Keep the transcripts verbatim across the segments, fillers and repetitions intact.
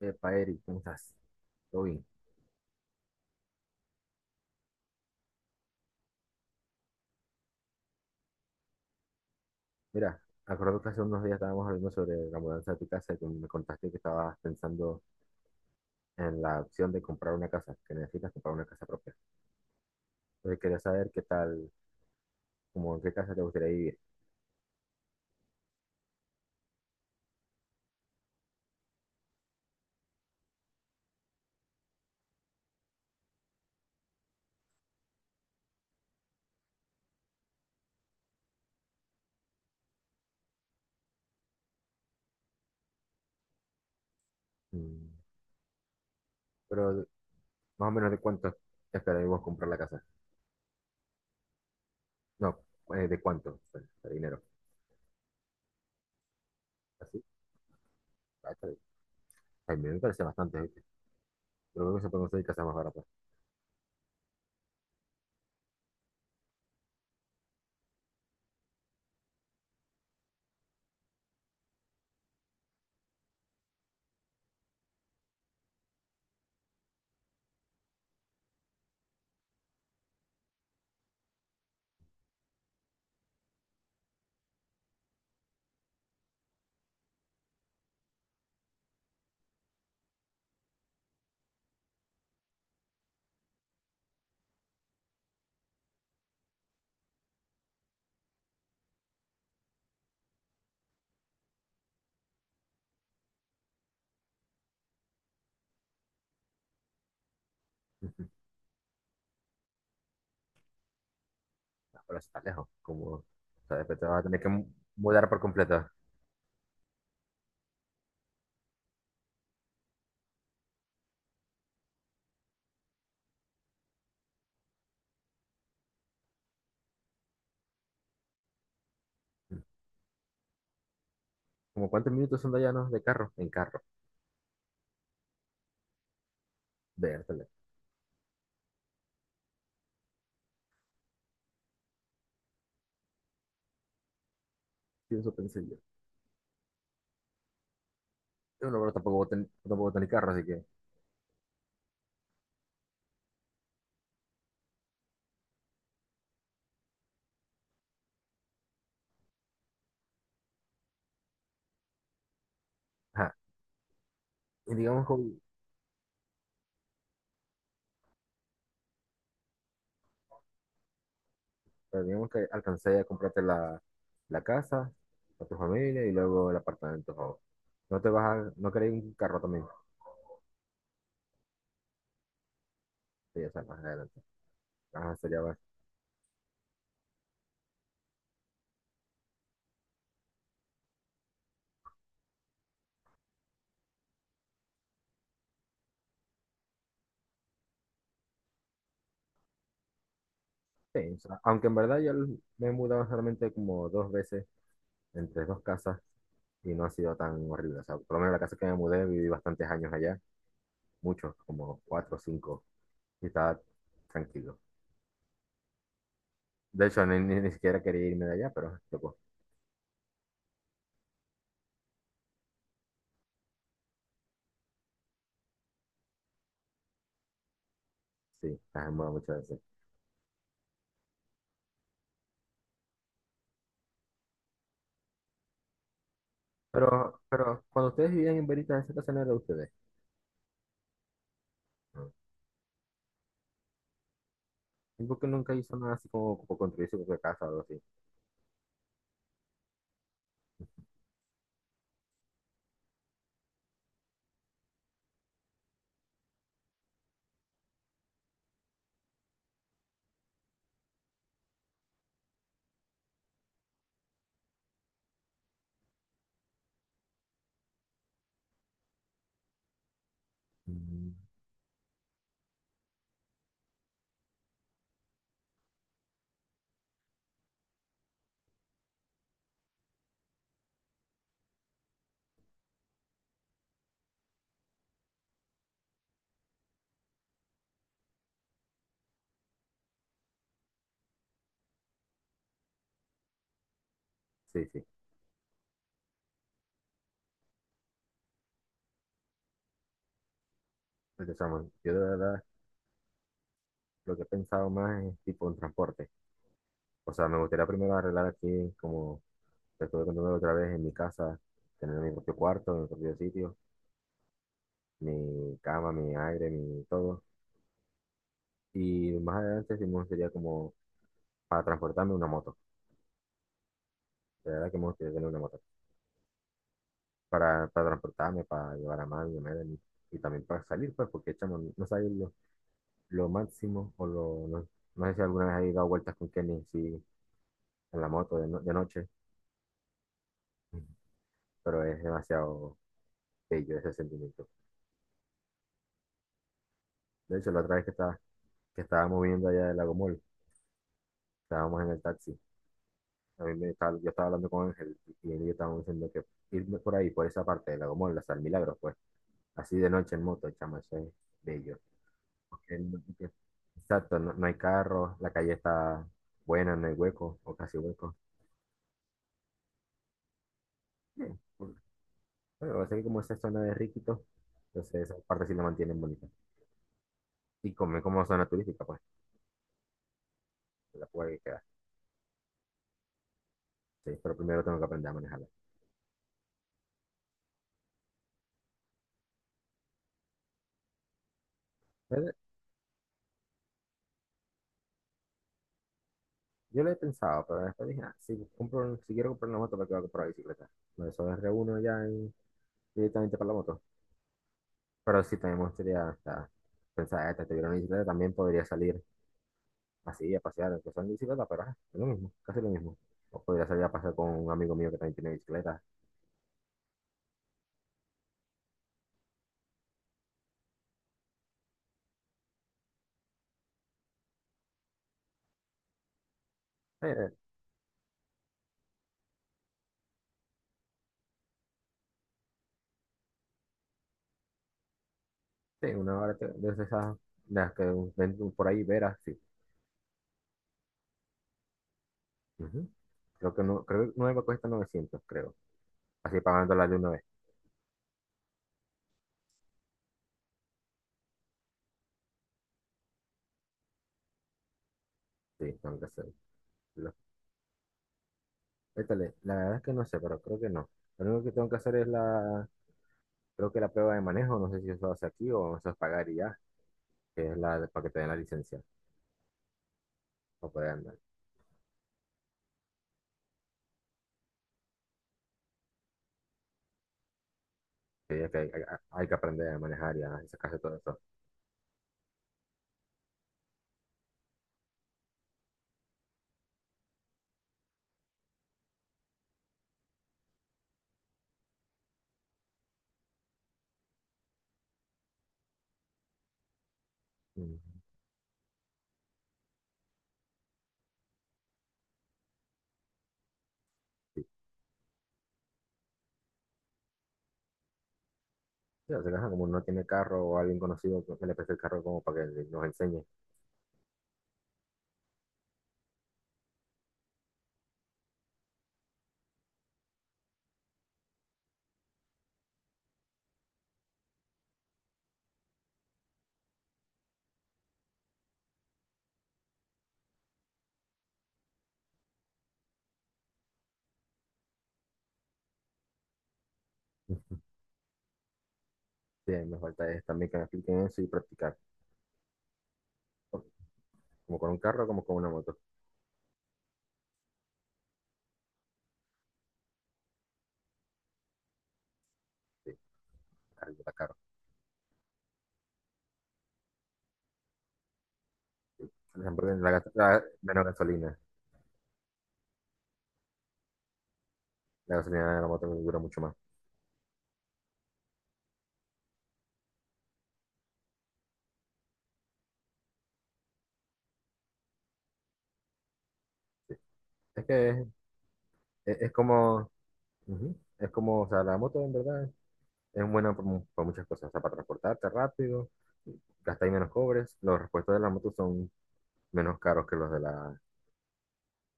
Epa, Eric, ¿cómo estás? Todo bien. Mira, acuerdo que hace unos días estábamos hablando sobre la mudanza de tu casa y que me contaste que estabas pensando en la opción de comprar una casa, que necesitas comprar una casa propia. Entonces quería saber qué tal, como en qué casa te gustaría vivir. Mm. Pero más o menos de cuánto esperaríamos comprar la casa. No, eh, de cuánto, pues, de dinero. Así, ah, está bien. Ay, me parece bastante, ¿viste? Pero creo que se pueden conseguir casas más baratas. Ah, pero eso está lejos, como, o sea, después te vas a tener que mu- mudar por completo. ¿Como cuántos minutos son de allá, no? De carro, en carro. Vértale. Sí, eso pensé yo. Yo no, pero tampoco voy a ten- tampoco voy a tener carro, así que. Ajá. Y digamos, con- eh, digamos que alcancé a comprarte la, la casa, a tu familia y luego el apartamento, ¿no? No te vas a, no querés un carro también. Sí, o sea, más adelante. Ajá, sería más. Sí, o sea, aunque en verdad yo me he mudado solamente como dos veces entre dos casas y no ha sido tan horrible. O sea, por lo menos la casa que me mudé viví bastantes años allá, muchos, como cuatro o cinco, y estaba tranquilo. De hecho, ni, ni, ni siquiera quería irme de allá, pero tocó. Sí, las amo muchas veces. Pero, pero cuando ustedes vivían en Veritas, esa casa no era de ustedes, ¿no? ¿Y por qué nunca hizo nada así como, como construir su propia casa o algo así? Mm. Sí, sí. Entonces, chamo, yo de verdad lo que he pensado más es tipo un transporte. O sea, me gustaría primero arreglar aquí, como te estuve contando otra vez, en mi casa, tener mi propio cuarto, mi propio sitio, mi cama, mi aire, mi todo. Y más adelante sí me gustaría como para transportarme una moto. De verdad que me gustaría tener una moto. para, para transportarme, para llevar a mami, a Melanie, y también para salir, pues, porque chamo, no sabes lo, lo máximo, o lo, no, no sé si alguna vez he dado vueltas con Kenny, sí, en la moto de, no- de noche, pero es demasiado bello ese sentimiento. De hecho, la otra vez que, estaba, que estábamos viendo allá del Lagomol, estábamos en el taxi, a mí me estaba- yo estaba hablando con Ángel, y él y yo estábamos diciendo que irme por ahí, por esa parte del Lagomol, hasta el Milagro, pues, así de noche en moto, chamo, eso es bello. Porque no- que- exacto, no, no hay carro, la calle está buena, no hay hueco o casi hueco. Bien, cool. Bueno, así que como esa zona de Riquitos, entonces esa parte sí la mantienen bonita. Y como, como zona turística, pues, que la puede quedar. Sí, pero primero tengo que aprender a manejarla. Pero yo lo he pensado, pero después dije, ah, si, compro, si quiero comprar una moto, ¿para qué voy a comprar bicicleta? Por eso es reúno ya y directamente para la moto. Pero sí, también me gustaría, o sea, pensar, "Ah, esta, tuviera una bicicleta, también podría salir, así, a pasear, que son en bicicleta, pero ajá, es lo mismo, casi lo mismo. O podría salir a pasear con un amigo mío que también tiene bicicleta. Eh, eh, sí, una hora de de esas, de las que ven tú por ahí, veras, sí. Ujú. Creo que no, creo que nueva cuesta novecientos creo. Así pagándola de una vez. Sí, tengo que hacerlo. Échale, la verdad es que no sé, pero creo que no. Lo único que tengo que hacer es la, creo que la prueba de manejo, no sé si eso hace aquí o eso es pagar y ya, que es la de- para que te den la licencia o poder andar. Sí, es que hay, hay- hay que aprender a manejar y a sacarse todo eso. Ujú. Sí. Sí, o sea, que, ajá, como no tiene carro o alguien conocido que que le preste el carro como para que nos enseñe. Sí, me falta es también que me expliquen eso y practicar. Porque como con un carro, como con una moto. Sí, carro está caro. Por ejemplo, en la, gas- la- menos gasolina. La gasolina de la moto dura mucho más. Es que es, es- es como, ujú, es como, o sea, la moto en verdad es buena por, mu- por muchas cosas. O sea, para transportarte rápido, gastáis menos cobres. Los repuestos de la moto son menos caros que los de la,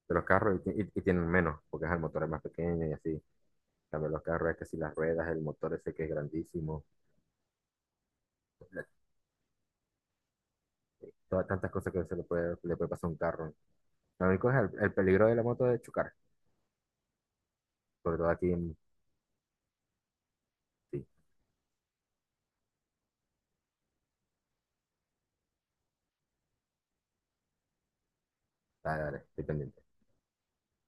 de los carros y, ti- y- y tienen menos, porque ajá, el motor es más pequeño y así. Cambio los carros, es que si las ruedas, el motor ese que es grandísimo, la- todas tantas cosas que se le puede, le puede pasar a un carro. Lo único es el, el peligro de la moto de chocar, sobre todo aquí en... Sí, dale, dale, estoy pendiente.